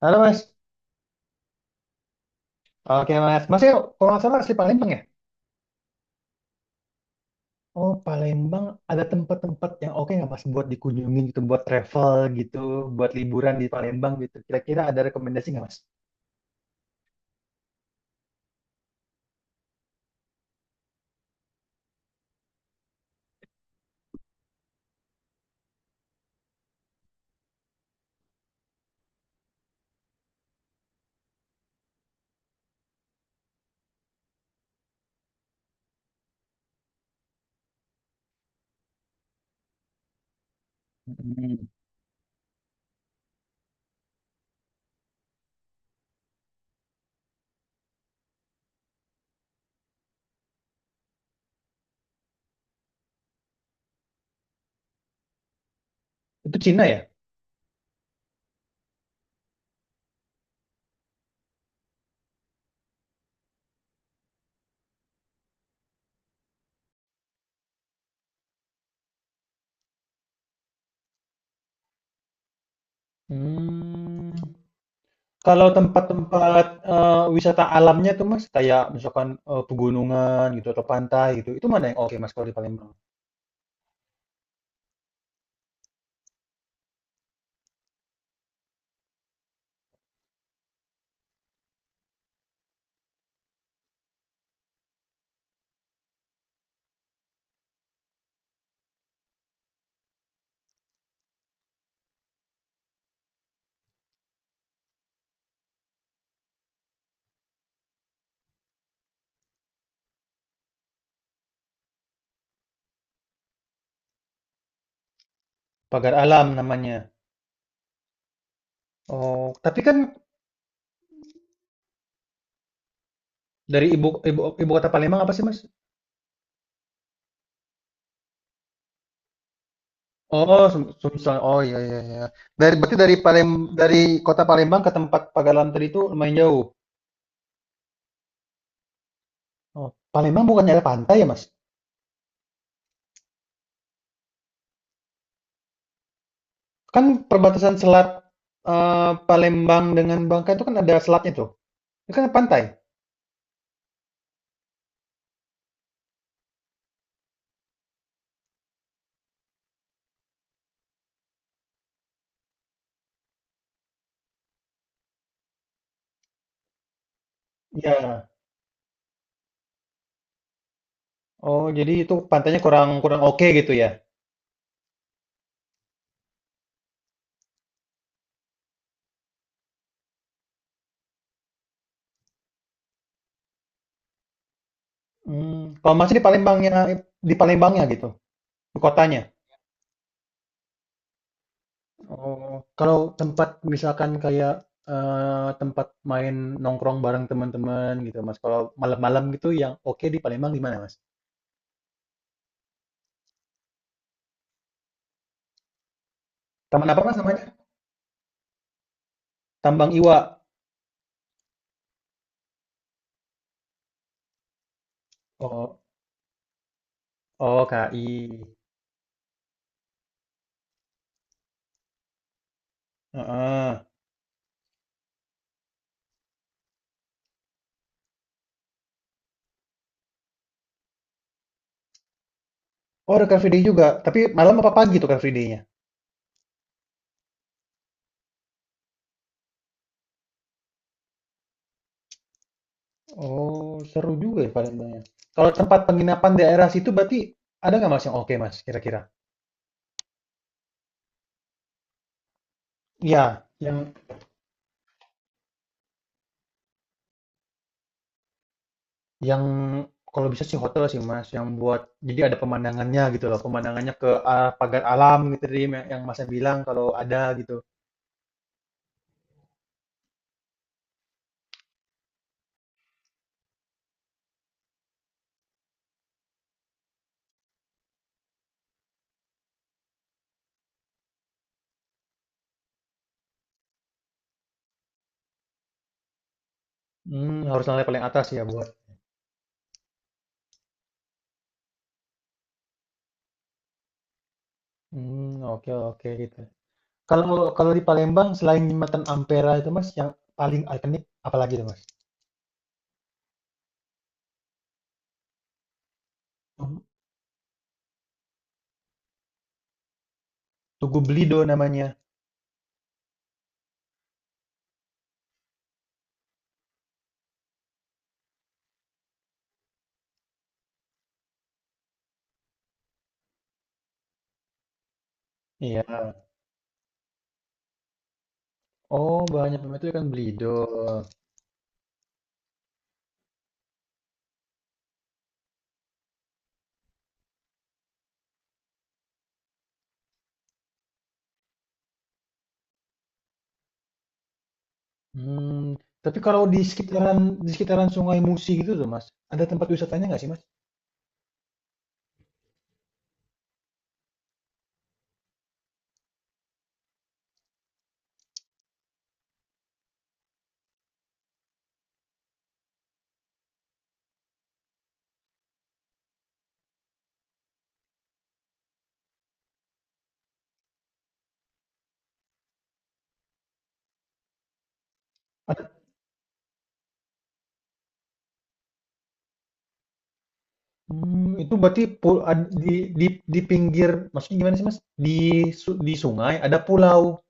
Halo Mas. Oke Mas. Masnya ya, kalau nggak salah asli Palembang ya? Oh Palembang, ada tempat-tempat yang oke nggak Mas buat dikunjungi gitu, buat travel gitu, buat liburan di Palembang gitu. Kira-kira ada rekomendasi nggak Mas? Hmm. Itu Cina ya? Hmm. Kalau tempat-tempat wisata alamnya tuh Mas, kayak misalkan pegunungan gitu atau pantai gitu, itu mana yang oke Mas kalau di Palembang? Pagar alam namanya. Oh, tapi kan dari ibu ibu ibu kota Palembang apa sih Mas? Oh, Sum Sumsel. Oh, iya iya iya. Dari berarti dari Palem, dari kota Palembang ke tempat Pagalan tadi itu lumayan jauh. Oh, Palembang bukannya ada pantai ya, Mas? Kan perbatasan selat, Palembang dengan Bangka itu kan ada selatnya tuh. Itu kan pantai. Iya. Oh, jadi itu pantainya kurang kurang oke gitu ya. Hmm. Kalau Mas di Palembangnya, di Palembangnya gitu, di kotanya. Oh, kalau tempat misalkan kayak tempat main nongkrong bareng teman-teman gitu, Mas. Kalau malam-malam gitu yang oke di Palembang di mana, Mas? Taman apa, Mas, namanya? Tambang Iwa. Oh, oh, KI. Heeh. Oh, ada Car Free Day juga. Tapi malam apa pagi tuh Car Free Day-nya? Oh, seru juga ya Palembangnya. Kalau tempat penginapan daerah situ berarti ada nggak Mas yang oke, Mas, kira-kira? Iya, yang Yang kalau bisa sih hotel sih, Mas, yang buat jadi ada pemandangannya gitu loh, pemandangannya ke arah pagar alam gitu tadi yang Masnya bilang kalau ada gitu. Mmm, harus lantai paling atas ya buat mmm, oke oke gitu. Kalau kalau di Palembang selain jembatan Ampera itu, Mas, yang paling ikonik apalagi tuh, Mas? Tugu Tugu Belido namanya. Iya. Oh, banyak memang itu kan Belido. Hmm, tapi kalau di sekitaran, di sekitaran Sungai Musi gitu tuh, Mas, ada tempat wisatanya nggak sih, Mas? Mmm, itu berarti pu ad, di di di pinggir maksudnya gimana sih Mas? Di su di sungai ada pulau,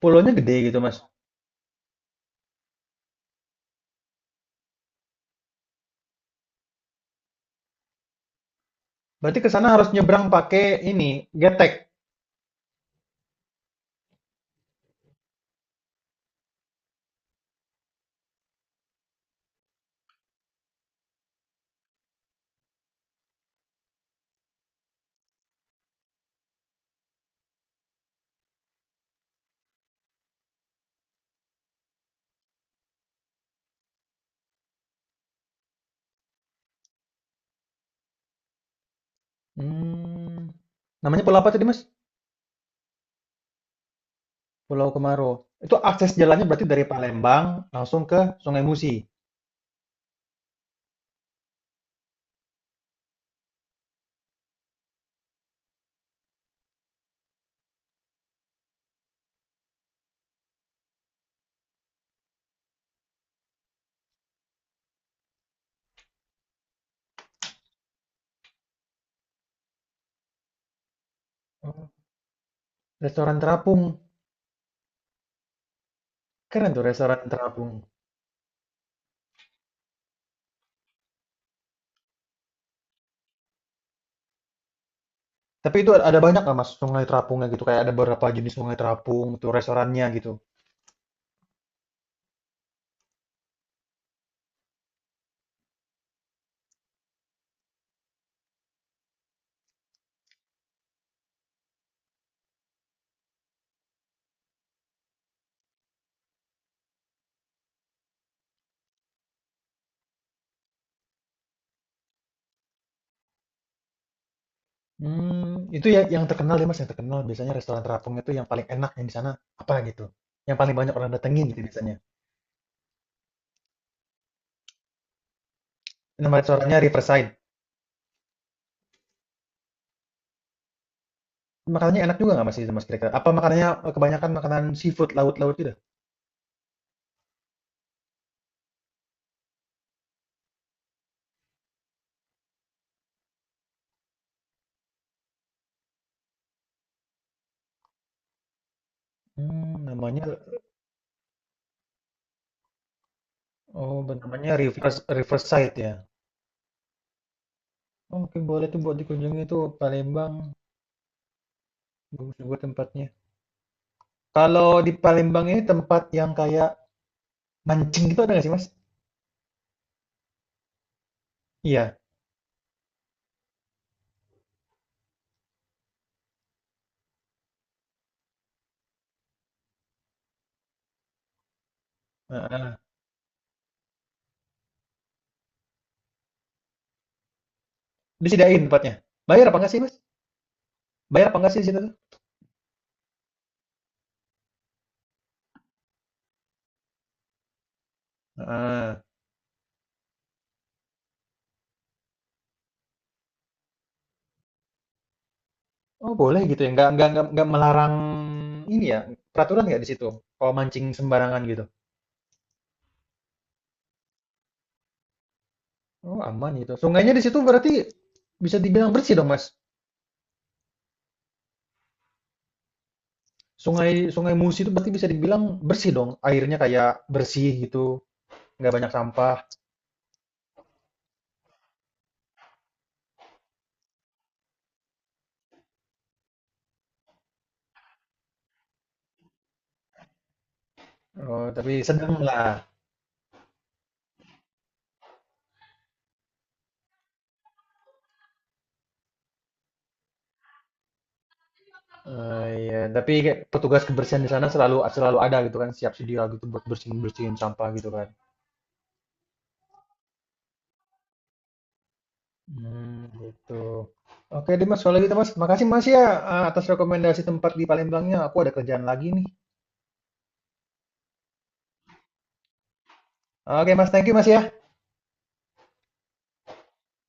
pulaunya gede gitu Mas? Berarti ke sana harus nyebrang pakai ini, getek? Mmm, namanya pulau apa tadi Mas? Pulau Kemaro. Itu akses jalannya berarti dari Palembang langsung ke Sungai Musi? Oh, restoran terapung, keren tuh restoran terapung. Tapi itu ada banyak nggak Mas sungai terapungnya gitu, kayak ada beberapa jenis sungai terapung, tuh restorannya gitu? Hmm, itu ya yang terkenal ya, Mas, yang terkenal biasanya restoran terapung itu yang paling enak yang di sana apa gitu? Yang paling banyak orang datengin gitu biasanya? Nama restorannya Riverside. Makanannya enak juga nggak, Mas, itu, Mas, kira-kira? Apa makanannya, kebanyakan makanan seafood laut-laut gitu? Hmm namanya oh, ben- namanya Rivers Riverside ya? Oh, mungkin boleh tuh buat dikunjungi tuh Palembang, bagus juga tempatnya. Kalau di Palembang ini tempat yang kayak mancing gitu ada nggak sih, Mas? Iya, heeh, disediain tempatnya? Bayar apa nggak sih, Mas? Bayar apa nggak sih di situ tuh? Heeh. Oh boleh gitu ya, nggak melarang ini ya peraturan nggak di situ kalau mancing sembarangan gitu. Oh aman gitu. Sungainya di situ berarti bisa dibilang bersih dong Mas. Sungai Sungai Musi itu berarti bisa dibilang bersih dong. Airnya kayak bersih gitu, nggak banyak sampah. Oh, tapi sedang lah. Eh, iya, tapi kayak petugas kebersihan di sana selalu selalu ada gitu kan, siap sedia gitu buat bersihin bersihin sampah gitu kan. Mmm, gitu. Oke deh Mas, kalau gitu Mas. Makasih Mas ya, atas rekomendasi tempat di Palembangnya, aku ada kerjaan lagi nih. Oke Mas, thank you Mas ya.